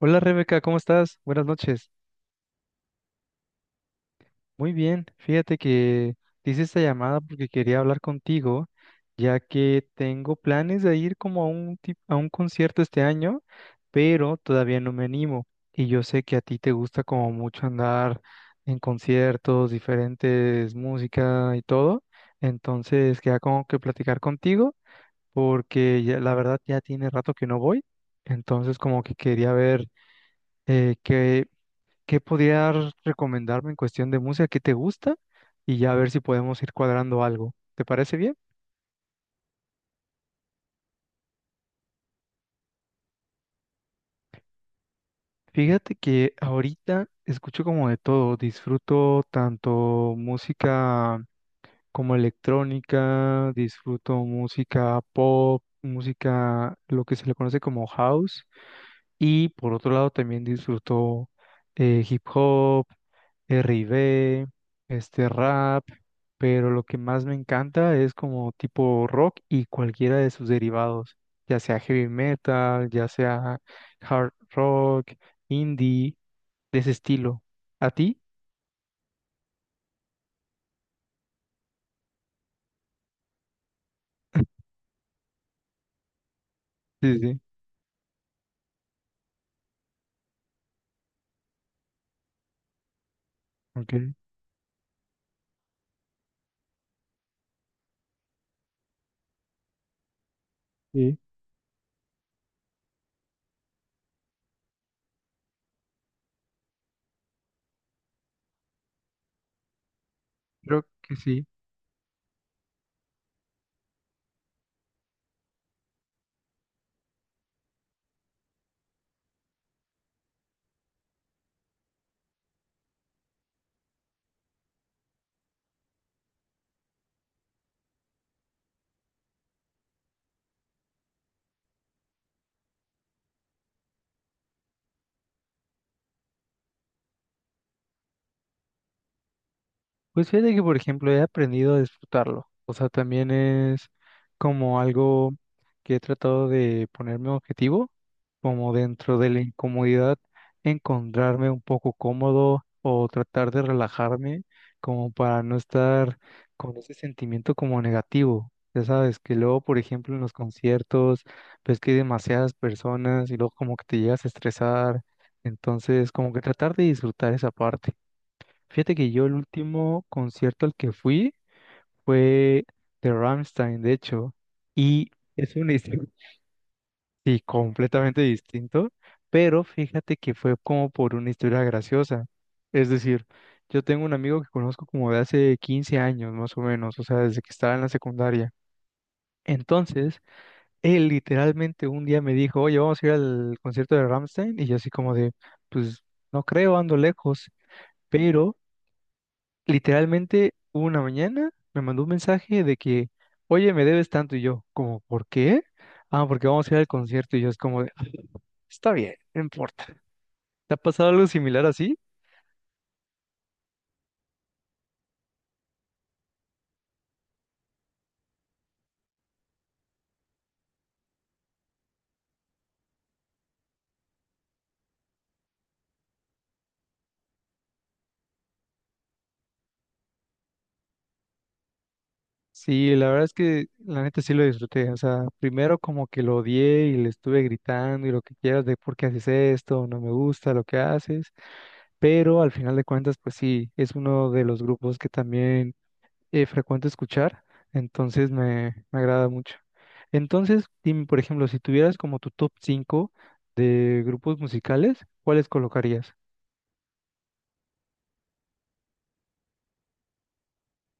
Hola Rebeca, ¿cómo estás? Buenas noches. Muy bien, fíjate que te hice esta llamada porque quería hablar contigo, ya que tengo planes de ir como a un concierto este año, pero todavía no me animo. Y yo sé que a ti te gusta como mucho andar en conciertos, diferentes música y todo. Entonces, queda como que platicar contigo, porque la verdad ya tiene rato que no voy. Entonces, como que quería ver eh, qué ¿Qué podrías recomendarme en cuestión de música? ¿Qué te gusta? Y ya a ver si podemos ir cuadrando algo. ¿Te parece bien? Fíjate que ahorita escucho como de todo. Disfruto tanto música como electrónica, disfruto música pop, música, lo que se le conoce como house. Y por otro lado también disfruto hip hop, R&B, este rap, pero lo que más me encanta es como tipo rock y cualquiera de sus derivados, ya sea heavy metal, ya sea hard rock, indie, de ese estilo. ¿A ti? Sí, sí. Ok. Sí. Creo que sí. Pues fíjate que, por ejemplo, he aprendido a disfrutarlo. O sea, también es como algo que he tratado de ponerme objetivo, como dentro de la incomodidad, encontrarme un poco cómodo o tratar de relajarme, como para no estar con ese sentimiento como negativo. Ya sabes, que luego, por ejemplo, en los conciertos, ves que hay demasiadas personas y luego como que te llegas a estresar. Entonces, como que tratar de disfrutar esa parte. Fíjate que yo el último concierto al que fui fue de Rammstein, de hecho, y es una historia, sí, completamente distinto, pero fíjate que fue como por una historia graciosa. Es decir, yo tengo un amigo que conozco como de hace 15 años más o menos, o sea, desde que estaba en la secundaria. Entonces, él literalmente un día me dijo, oye, vamos a ir al concierto de Rammstein, y yo así como de, pues no creo, ando lejos, pero literalmente una mañana me mandó un mensaje de que, oye, me debes tanto y yo, como, ¿por qué? Ah, porque vamos a ir al concierto y yo es como, de, "Ah, está bien, no importa. ¿Te ha pasado algo similar así? Sí, la verdad es que la neta sí lo disfruté. O sea, primero como que lo odié y le estuve gritando y lo que quieras de por qué haces esto, no me gusta lo que haces, pero al final de cuentas, pues sí, es uno de los grupos que también frecuente escuchar, entonces me agrada mucho. Entonces, dime, por ejemplo, si tuvieras como tu top 5 de grupos musicales, ¿cuáles colocarías?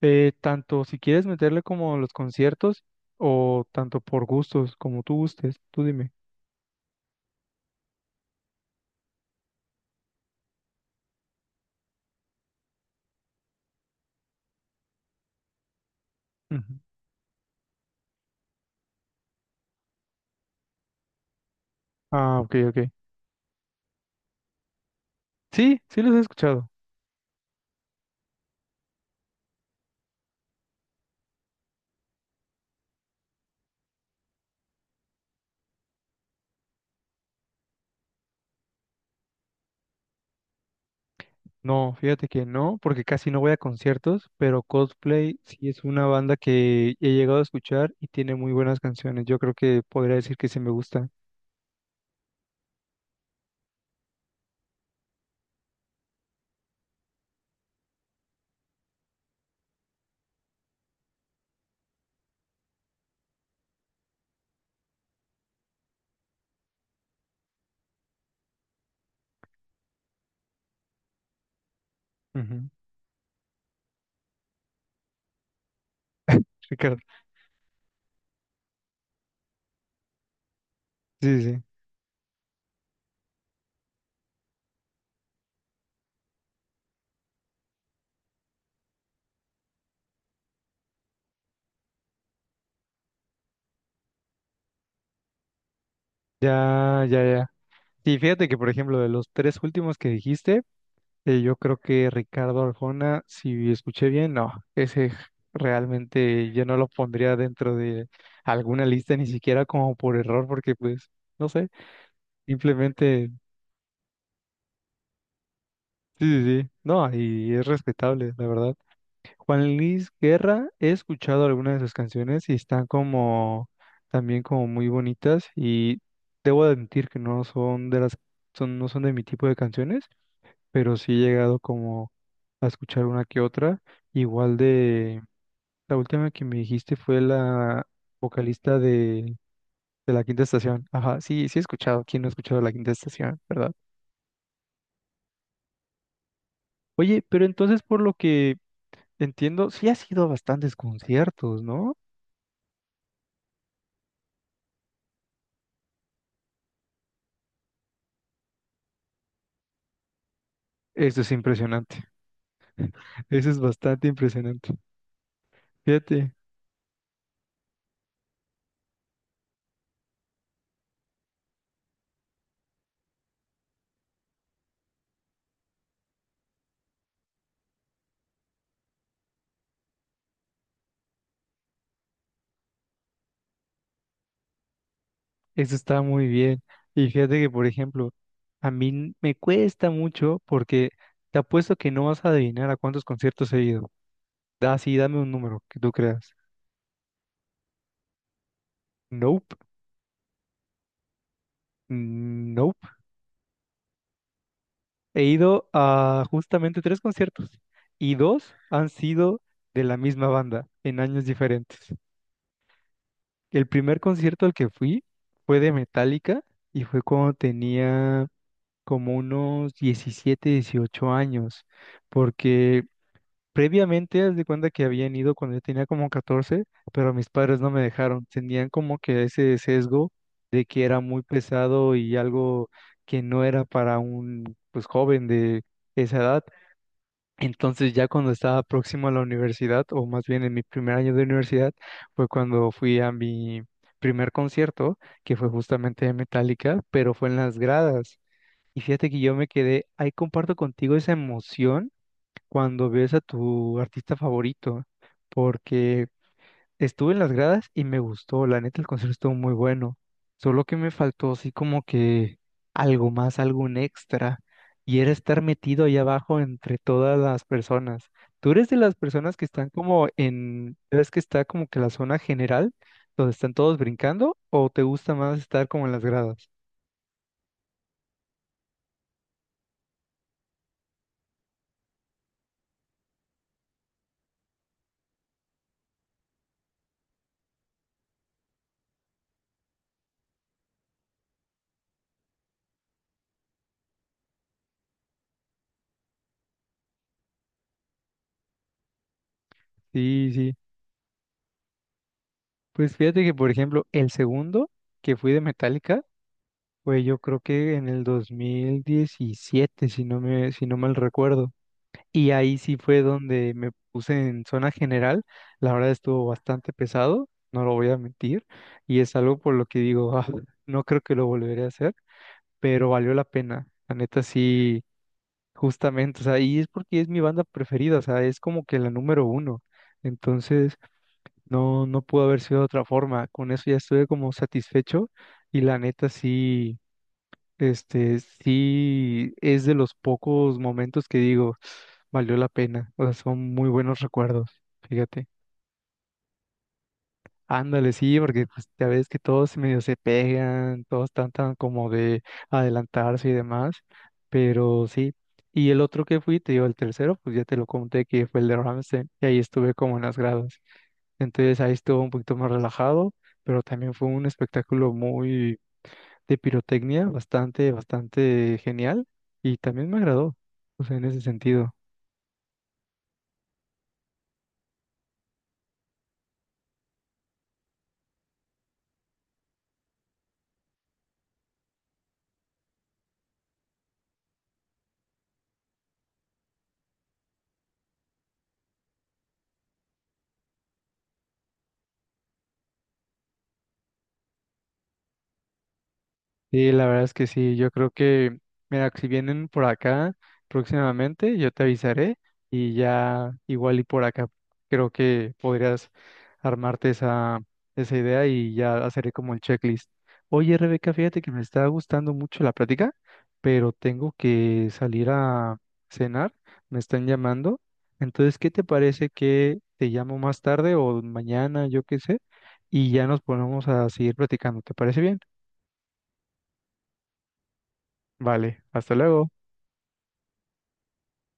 Tanto si quieres meterle como los conciertos o tanto por gustos, como tú gustes, tú dime. Ujú. Ah, ok, ok. Sí, sí los he escuchado. No, fíjate que no, porque casi no voy a conciertos, pero Coldplay sí es una banda que he llegado a escuchar y tiene muy buenas canciones. Yo creo que podría decir que sí me gusta. Ricardo. Sí, sí, sí. Ya, ya, ya. Y fíjate que, por ejemplo, de los tres últimos que dijiste, yo creo que Ricardo Arjona, si escuché bien, no, realmente yo no lo pondría dentro de alguna lista, ni siquiera como por error, porque pues, no sé, simplemente, sí, sí, sí. No, y es respetable, la verdad. Juan Luis Guerra, he escuchado algunas de sus canciones y están como también como muy bonitas y debo admitir que no son de las son no son de mi tipo de canciones, pero sí he llegado como a escuchar una que otra, igual de la última que me dijiste fue la vocalista de la Quinta Estación. Ajá, sí, sí he escuchado, ¿quién no ha escuchado la Quinta Estación, verdad? Oye, pero entonces por lo que entiendo, sí has ido a bastantes conciertos, ¿no? Esto es impresionante. Eso es bastante impresionante. Fíjate, eso está muy bien. Y fíjate que, por ejemplo, a mí me cuesta mucho porque te apuesto que no vas a adivinar a cuántos conciertos he ido. Sí, dame un número que tú creas. Nope, nope. He ido a justamente tres conciertos y dos han sido de la misma banda en años diferentes. El primer concierto al que fui fue de Metallica y fue cuando tenía como unos 17, 18 años, porque previamente, haz de cuenta que habían ido cuando yo tenía como 14, pero mis padres no me dejaron, tenían como que ese sesgo de que era muy pesado y algo que no era para un pues joven de esa edad. Entonces ya cuando estaba próximo a la universidad, o más bien en mi primer año de universidad, fue cuando fui a mi primer concierto, que fue justamente de Metallica, pero fue en las gradas. Y fíjate que yo me quedé, ahí comparto contigo esa emoción cuando ves a tu artista favorito, porque estuve en las gradas y me gustó, la neta el concierto estuvo muy bueno, solo que me faltó así como que algo más, algún extra, y era estar metido ahí abajo entre todas las personas. Tú eres de las personas que están como en, ¿ves que está como que la zona general, donde están todos brincando, o te gusta más estar como en las gradas? Sí, sí. Pues fíjate que, por ejemplo, el segundo que fui de Metallica fue yo creo que en el 2017 si no mal recuerdo. Y ahí sí fue donde me puse en zona general. La verdad estuvo bastante pesado, no lo voy a mentir. Y es algo por lo que digo, "Ah, no creo que lo volveré a hacer, pero valió la pena. La neta sí, justamente. O sea, y es porque es mi banda preferida, o sea, es como que la número uno. Entonces. No, no pudo haber sido de otra forma. Con eso ya estuve como satisfecho y la neta sí, sí es de los pocos momentos que digo, valió la pena. O sea, son muy buenos recuerdos, fíjate. Ándale, sí, porque pues, ya ves que todos medio se pegan, todos están tan como de adelantarse y demás, pero sí. Y el otro que fui, te digo, el tercero, pues ya te lo conté que fue el de Ramstein y ahí estuve como en las gradas. Entonces ahí estuvo un poquito más relajado, pero también fue un espectáculo muy de pirotecnia, bastante, bastante genial y también me agradó, o sea, en ese sentido. Sí, la verdad es que sí, yo creo que, mira, si vienen por acá próximamente, yo te avisaré y ya igual y por acá creo que podrías armarte esa idea y ya haceré como el checklist. Oye, Rebeca, fíjate que me está gustando mucho la plática, pero tengo que salir a cenar, me están llamando. Entonces, ¿qué te parece que te llamo más tarde o mañana, yo qué sé, y ya nos ponemos a seguir platicando? ¿Te parece bien? Vale, hasta luego.